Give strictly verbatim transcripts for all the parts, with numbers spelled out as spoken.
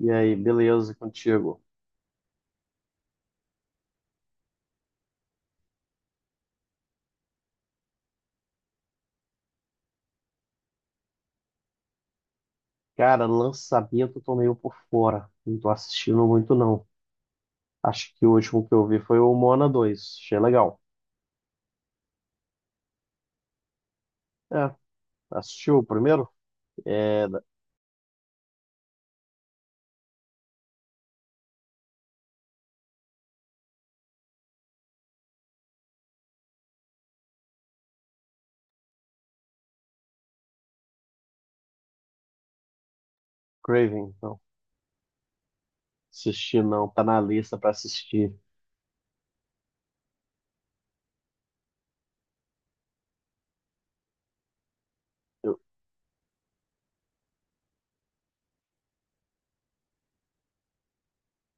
E aí, beleza contigo? Cara, lançamento eu tô meio por fora. Não tô assistindo muito, não. Acho que o último que eu vi foi o Moana dois. Achei legal. É, assistiu o primeiro? É, da- Craven, não. Assisti não, tá na lista pra assistir. Eu,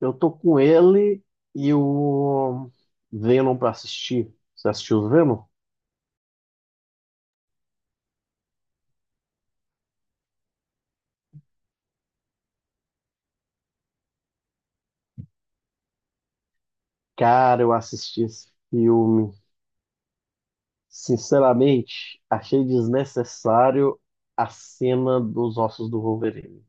eu tô com ele e o Venom pra assistir. Você assistiu o Venom? Cara, eu assisti esse filme. Sinceramente, achei desnecessário a cena dos ossos do Wolverine.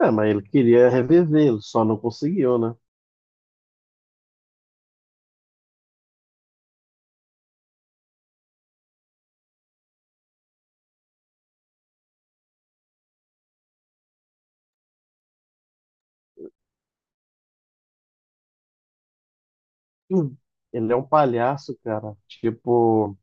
É, mas ele queria reviver, lo só não conseguiu, né? Hum. Ele é um palhaço, cara. Tipo,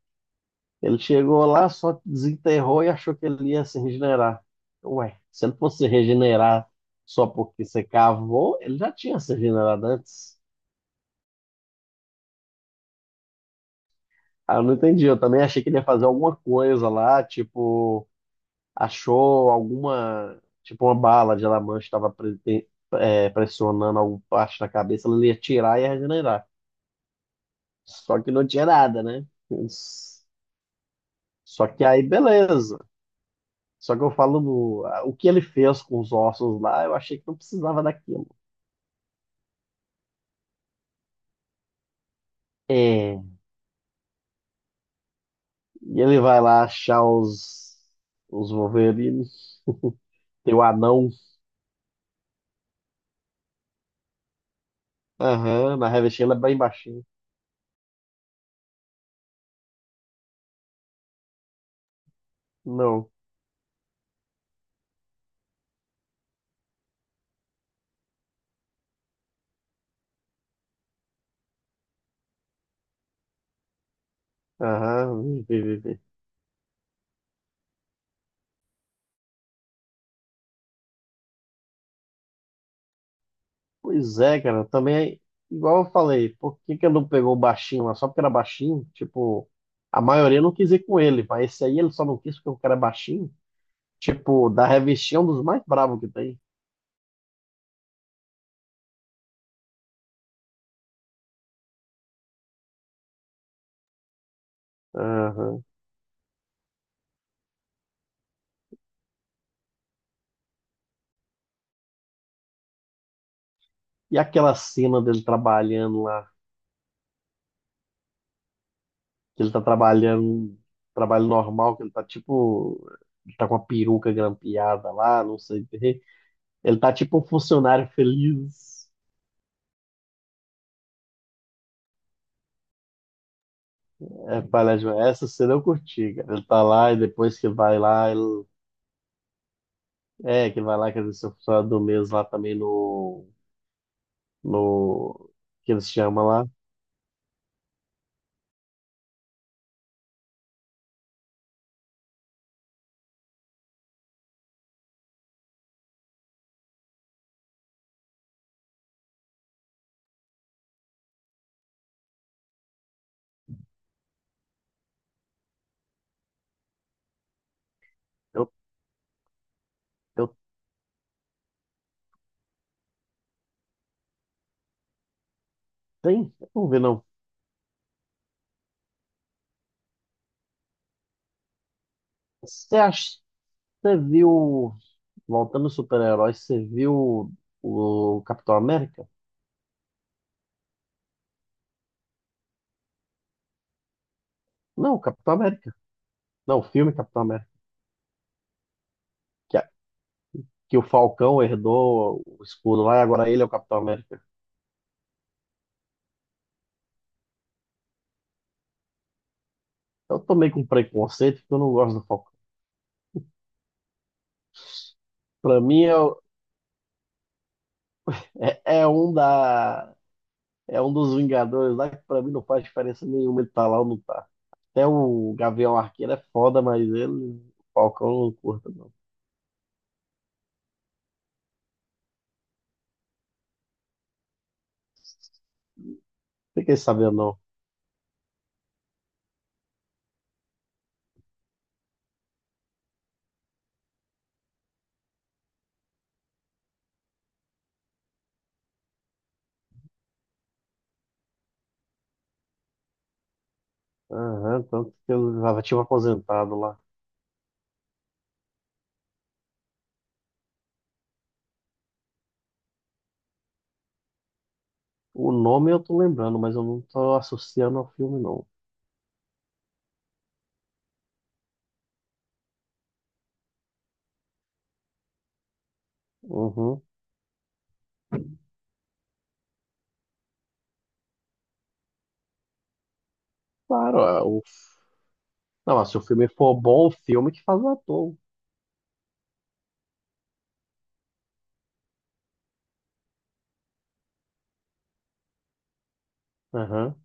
ele chegou lá, só desenterrou e achou que ele ia se regenerar. Ué, se ele fosse regenerar só porque você cavou, ele já tinha se regenerado antes. Ah, eu não entendi. Eu também achei que ele ia fazer alguma coisa lá, tipo, achou alguma, tipo, uma bala de adamantium estava pressionando alguma parte da cabeça, ele ia tirar e ia regenerar. Só que não tinha nada, né? Só que aí, beleza. Só que eu falo, no- o que ele fez com os ossos lá, eu achei que não precisava daquilo. É, e ele vai lá achar os, os Wolverine, tem o anão. Aham, na revistinha ele é bem baixinho. Não. Aham, vê, vê, vê. Pois é, cara, também, igual eu falei, por que que ele não pegou o baixinho lá? Só porque era baixinho? Tipo, a maioria não quis ir com ele, mas esse aí ele só não quis porque o cara é baixinho? Tipo, da revistinha é um dos mais bravos que tem. Aham. E aquela cena dele trabalhando lá, que ele tá trabalhando, trabalho normal, que ele tá tipo, ele tá com a peruca grampeada lá, não sei o quê. Ele tá tipo um funcionário feliz. É, palhaço, essa cena eu curti, cara. Ele tá lá e depois que vai lá, ele, é, que vai lá, quer dizer, seu funcionário do mês lá também no, no, que eles chamam lá. Eu, eu tenho, eu não vi não. Você acha, você viu Voltando aos super-heróis, você viu o Capitão América? Não, o Capitão América. Não, o filme Capitão América. Que, a- que o Falcão herdou o escudo lá e agora ele é o Capitão América. Eu tomei com preconceito porque eu não gosto do Falcão. Pra mim é, o- é, é um da, é um dos Vingadores lá que pra mim não faz diferença nenhuma ele tá lá ou não tá. Até o Gavião Arqueiro é foda, mas ele, o Falcão eu não curta, não. Fiquei sabendo, não. Aham, tanto que eu já tinha um aposentado lá. O nome eu tô lembrando, mas eu não tô associando ao filme, não. Uhum. Claro, é o... Não, se o filme for bom, o filme que faz o ator. Aham.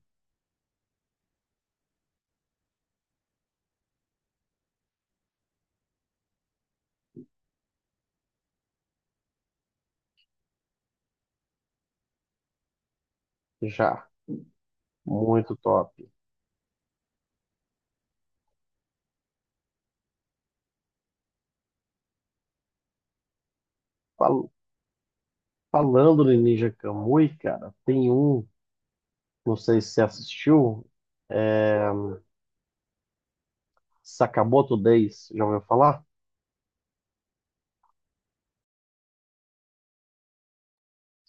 Já. Muito top. Fal- Falando de Ninja Kamui, cara, tem um, não sei se você assistiu, é... Sakamoto Days, já ouviu falar?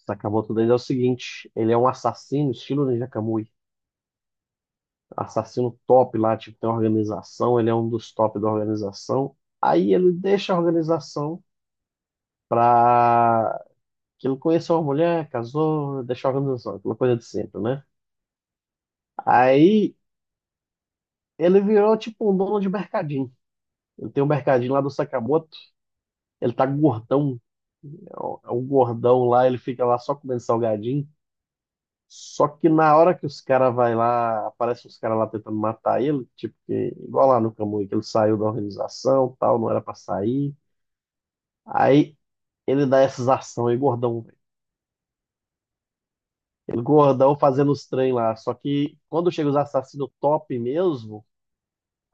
Sakamoto Days é o seguinte, ele é um assassino estilo Ninja Kamui. Assassino top lá, tipo, tem uma organização, ele é um dos top da organização. Aí ele deixa a organização pra que ele conheceu uma mulher, casou, deixou a organização, aquela coisa de sempre, né? Aí ele virou tipo um dono de mercadinho. Ele tem um mercadinho lá do Sakamoto, ele tá gordão, é um é um gordão lá, ele fica lá só comendo salgadinho. Só que na hora que os caras vai lá, aparecem os caras lá tentando matar ele, tipo, que, igual lá no Kamui, que ele saiu da organização, tal, não era pra sair. Aí ele dá essas ações aí, gordão. Ele gordão fazendo os trem lá. Só que quando chega os assassinos top mesmo,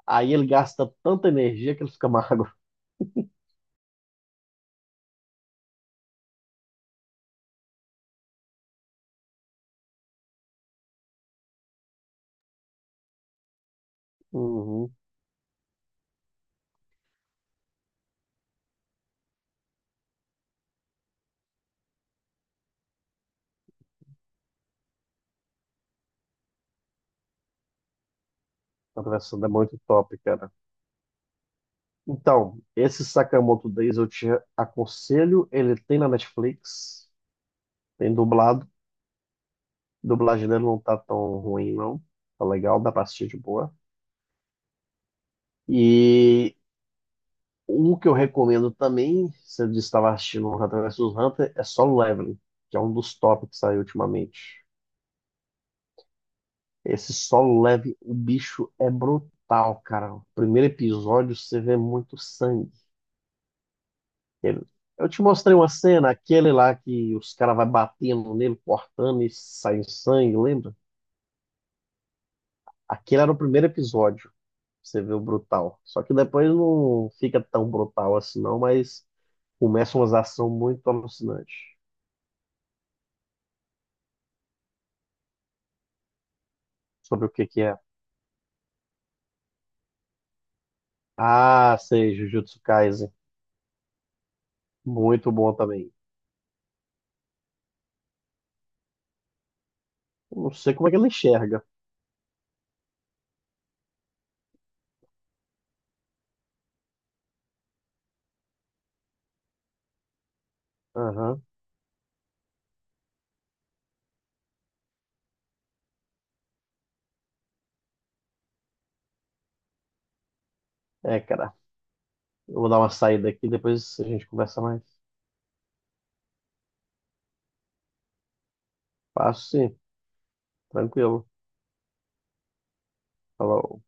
aí ele gasta tanta energia que ele fica magro. Uhum. A conversa é muito top, cara. Então, esse Sakamoto Days eu te aconselho. Ele tem na Netflix, tem dublado. A dublagem dele não tá tão ruim, não. Tá legal, dá pra assistir de boa. E um que eu recomendo também, se você estava assistindo Hunter vs Hunter, é Solo Leveling, que é um dos top que saiu ultimamente. Esse solo leve, o bicho é brutal, cara. O primeiro episódio você vê muito sangue. Ele- Eu te mostrei uma cena, aquele lá que os caras vai batendo nele, cortando e sai sangue, lembra? Aquele era o primeiro episódio, você vê o brutal. Só que depois não fica tão brutal assim não, mas começa umas ações muito alucinantes. Sobre o que que é. Ah, sei, Jujutsu Kaisen. Muito bom também. Eu não sei como é que ele enxerga. Aham. É, cara, eu vou dar uma saída aqui, depois a gente conversa mais. Passo sim, tranquilo. Falou.